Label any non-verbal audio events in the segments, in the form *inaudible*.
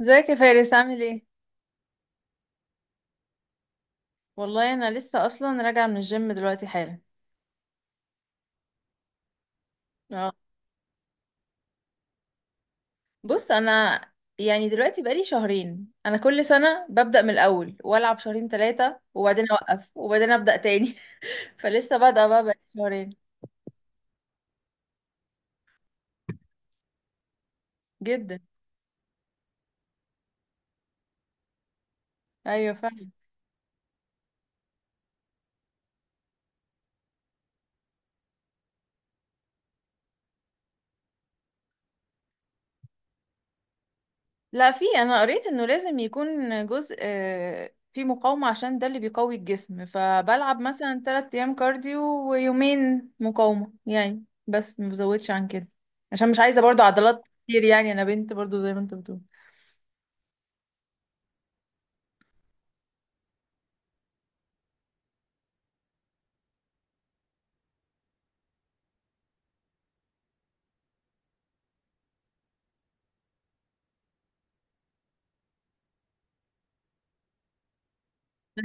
ازيك يا فارس؟ عامل ايه؟ والله انا لسه اصلا راجعه من الجيم دلوقتي حالا. اه، بص انا، يعني دلوقتي بقالي شهرين. انا كل سنه ببدا من الاول والعب شهرين ثلاثه وبعدين اوقف وبعدين ابدا تاني. *laughs* فلسه بادئه بقى بقالي شهرين. جدا. ايوه فعلا. لا، انا قريت انه لازم يكون جزء في مقاومة عشان ده اللي بيقوي الجسم، فبلعب مثلا تلات ايام كارديو ويومين مقاومة يعني، بس ما بزودش عن كده عشان مش عايزة برضو عضلات كتير، يعني انا بنت برضو زي ما انت بتقول.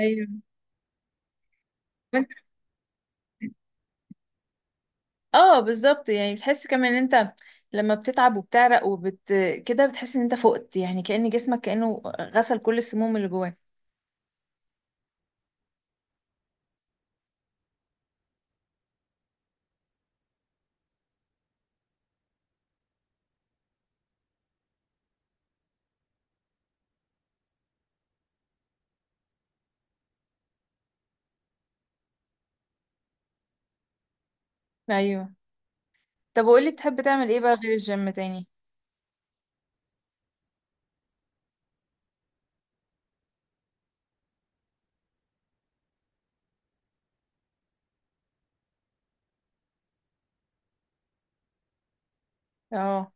ايوه. وانت- اه بالظبط، يعني بتحس كمان ان انت لما بتتعب وبتعرق كده، بتحس ان انت فقت، يعني كأن جسمك كأنه غسل كل السموم اللي جواه. ايوه. طب وقولي، بتحب تعمل ايه بقى غير الجيم تاني؟ اه.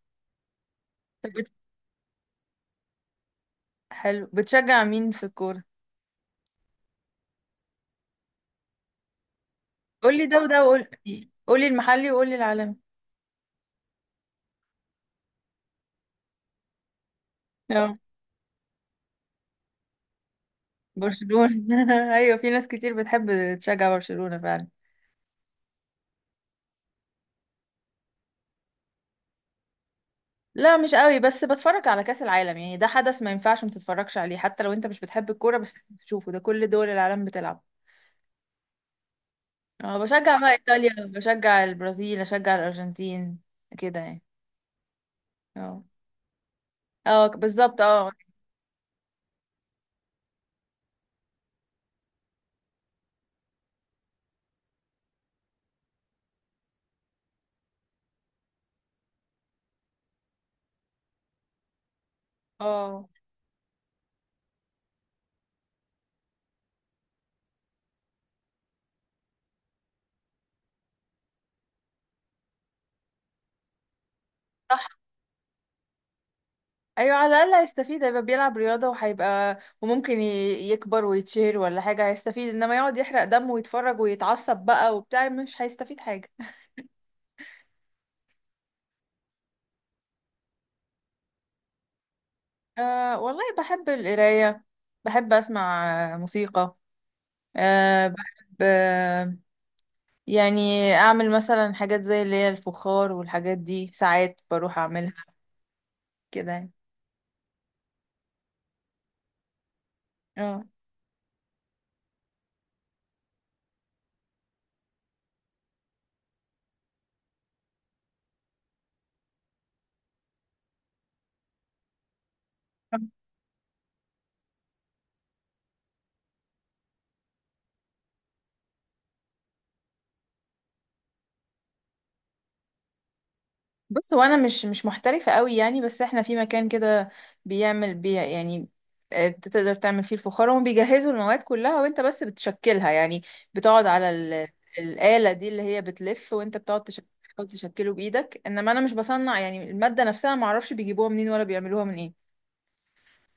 حلو، بتشجع مين في الكورة؟ قولي ده وده، وقول، قولي المحلي وقولي العالمي. اه، برشلونة. *laughs* ايوه، في ناس كتير بتحب تشجع برشلونة فعلا. لا مش قوي، بس بتفرج على كأس العالم يعني. ده حدث ما ينفعش ما تتفرجش عليه، حتى لو انت مش بتحب الكورة بس لازم تشوفه، ده كل دول العالم بتلعب. اه، بشجع بقى ايطاليا، بشجع البرازيل، اشجع الارجنتين كده يعني. اه. اه بالظبط اه. اه. ايوه، على الاقل هيستفيد، هيبقى بيلعب رياضه وهيبقى وممكن يكبر ويتشهر ولا حاجه، هيستفيد. انما يقعد يحرق دم ويتفرج ويتعصب بقى وبتاع، مش هيستفيد حاجه. أه والله بحب القرايه، بحب اسمع موسيقى. أه بحب يعني اعمل مثلا حاجات زي اللي هي الفخار والحاجات دي، ساعات بروح اعملها كده يعني. اه. بص هو انا مش محترفه قوي يعني، بس احنا في مكان كده بيعمل بي يعني آه، بتقدر تعمل فيه الفخار. هم بيجهزوا المواد كلها وانت بس بتشكلها يعني، بتقعد على ال... الآلة دي اللي هي بتلف وانت بتقعد تحاول تشكله بايدك. انما انا مش بصنع يعني المادة نفسها، ما اعرفش بيجيبوها منين ولا بيعملوها من ايه.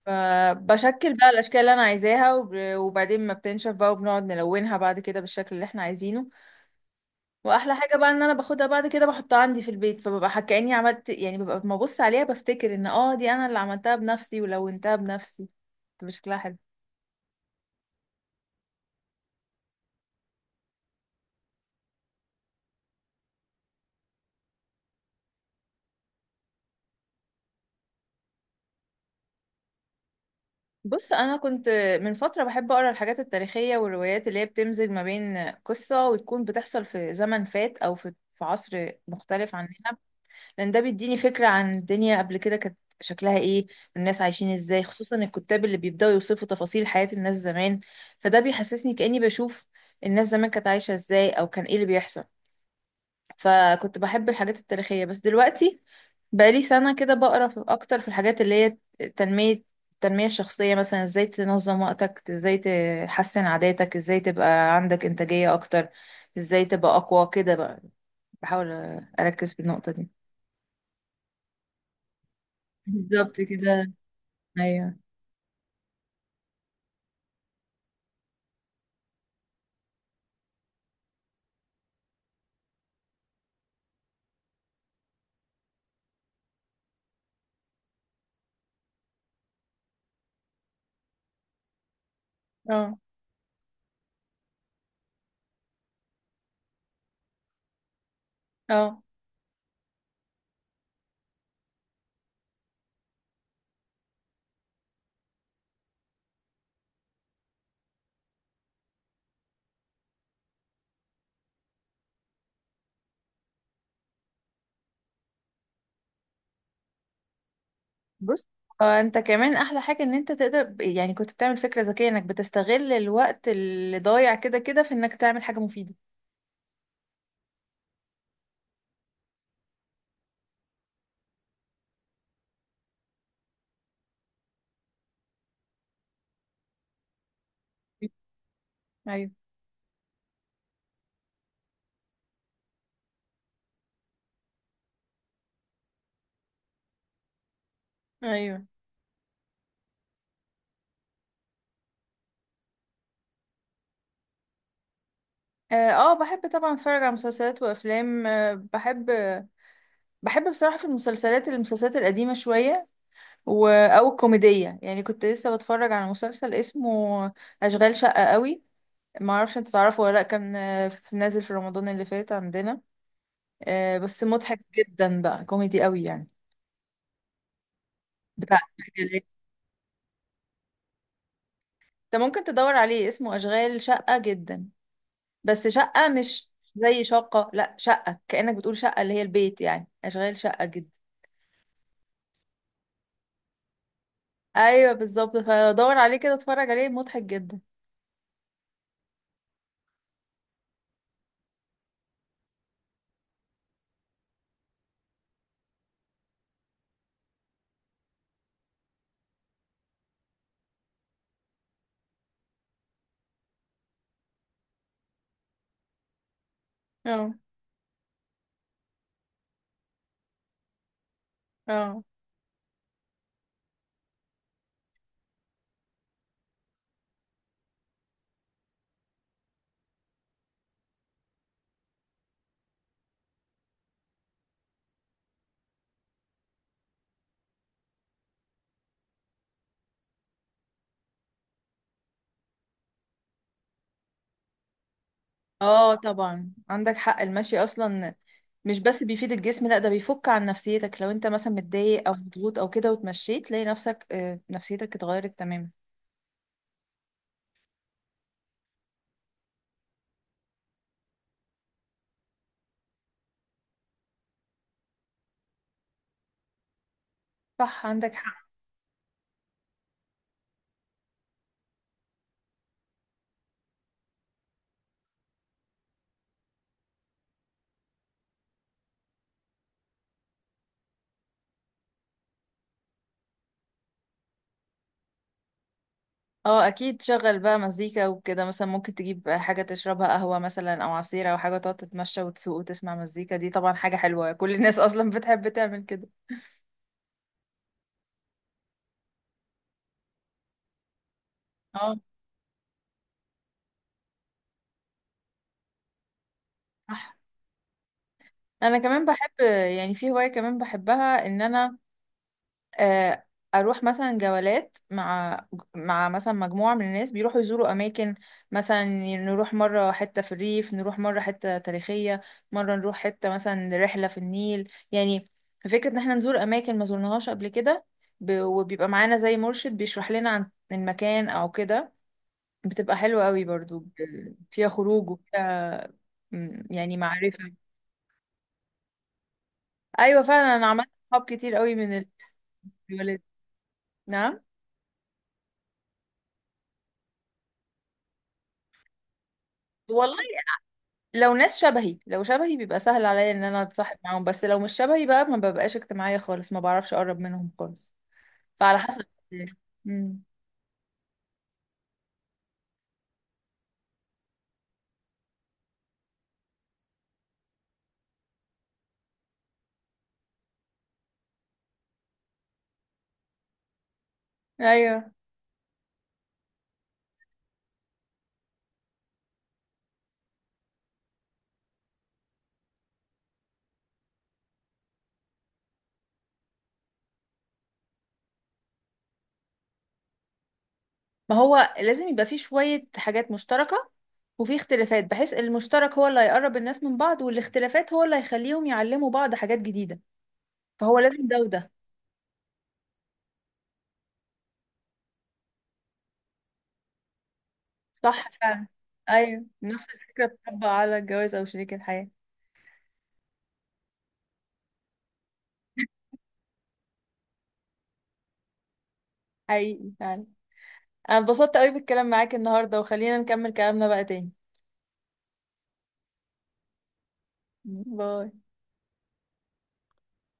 فبشكل بقى الاشكال اللي انا عايزاها، وبعدين ما بتنشف بقى وبنقعد نلونها بعد كده بالشكل اللي احنا عايزينه. واحلى حاجه بقى ان انا باخدها بعد كده بحطها عندي في البيت، فببقى كاني عملت يعني، ببقى لما ابص عليها بفتكر ان اه دي انا اللي عملتها بنفسي ولونتها بنفسي. بتبقى شكلها حلو. بص انا كنت من فتره بحب اقرا الحاجات التاريخيه والروايات اللي هي بتمزج ما بين قصه وتكون بتحصل في زمن فات او في عصر مختلف عننا، لان ده بيديني فكرة عن الدنيا قبل كده كانت شكلها ايه، الناس عايشين ازاي، خصوصا الكتاب اللي بيبدأوا يوصفوا تفاصيل حياة الناس زمان. فده بيحسسني كأني بشوف الناس زمان كانت عايشة ازاي او كان ايه اللي بيحصل. فكنت بحب الحاجات التاريخية، بس دلوقتي بقالي سنة كده بقرا في اكتر في الحاجات اللي هي تنمية التنمية الشخصية، مثلا ازاي تنظم وقتك، ازاي تحسن عاداتك، ازاي تبقى عندك انتاجية اكتر، ازاي تبقى اقوى كده بقى. بحاول اركز في النقطة دي. بالظبط كده. ايوه. اه. اه. بص. اه انت كمان احلى حاجة ان انت تقدر يعني كنت بتعمل فكرة ذكية انك بتستغل الوقت اللي ضايع كده كده في انك تعمل حاجة مفيدة. ايوه. ايوه. اه. بحب طبعا اتفرج على مسلسلات وافلام. بحب، بحب بصراحة في المسلسلات المسلسلات القديمة شوية و... او الكوميدية يعني. كنت لسه بتفرج على مسلسل اسمه اشغال شقة قوي، ما اعرفش انت تعرفه ولا لا. كان نازل في رمضان اللي فات عندنا. بس مضحك جدا بقى، كوميدي قوي يعني، بتاع الشغالات. انت ممكن تدور عليه اسمه اشغال شقة جدا، بس شقة مش زي شقة، لا شقة كأنك بتقول شقة اللي هي البيت يعني، اشغال شقة جدا. ايوه بالظبط، فدور عليه كده اتفرج عليه مضحك جدا. اه. اه. اه طبعا عندك حق، المشي اصلا مش بس بيفيد الجسم، لا ده بيفك عن نفسيتك. لو انت مثلا متضايق او مضغوط او كده وتمشيت، تلاقي نفسك نفسيتك اتغيرت تماما. صح عندك حق. اه اكيد، شغل بقى مزيكا وكده، مثلا ممكن تجيب حاجة تشربها قهوة مثلا او عصير او حاجة، تقعد تتمشى وتسوق وتسمع مزيكا، دي طبعا حاجة حلوة، كل الناس اصلا بتحب تعمل كده. اه. صح. انا كمان بحب، يعني في هواية كمان بحبها ان انا آه، اروح مثلا جولات مع مثلا مجموعه من الناس بيروحوا يزوروا اماكن. مثلا نروح مره حته في الريف، نروح مره حته تاريخيه، مره نروح حته مثلا رحله في النيل يعني. فكره ان احنا نزور اماكن ما زورناهاش قبل كده، وبيبقى معانا زي مرشد بيشرح لنا عن المكان او كده. بتبقى حلوه قوي برضو، فيها خروج وفيها يعني معرفه. ايوه فعلا، انا عملت صحاب كتير قوي من الجولات. نعم. والله لو ناس شبهي، لو شبهي بيبقى سهل عليا ان انا اتصاحب معاهم، بس لو مش شبهي بقى ما ببقاش اجتماعية خالص، ما بعرفش اقرب منهم خالص. فعلى حسب. امم. ايوه، ما هو لازم يبقى فيه شوية حاجات مشتركة وفي اختلافات، بحيث المشترك هو اللي هيقرب الناس من بعض، والاختلافات هو اللي هيخليهم يعلموا بعض حاجات جديدة. فهو لازم ده وده. صح فعلا. ايوه نفس الفكرة بتطبق على الجواز او شريك الحياة. حقيقي فعلا. انا اتبسطت قوي بالكلام معاك النهاردة، وخلينا نكمل كلامنا بقى تاني. باي.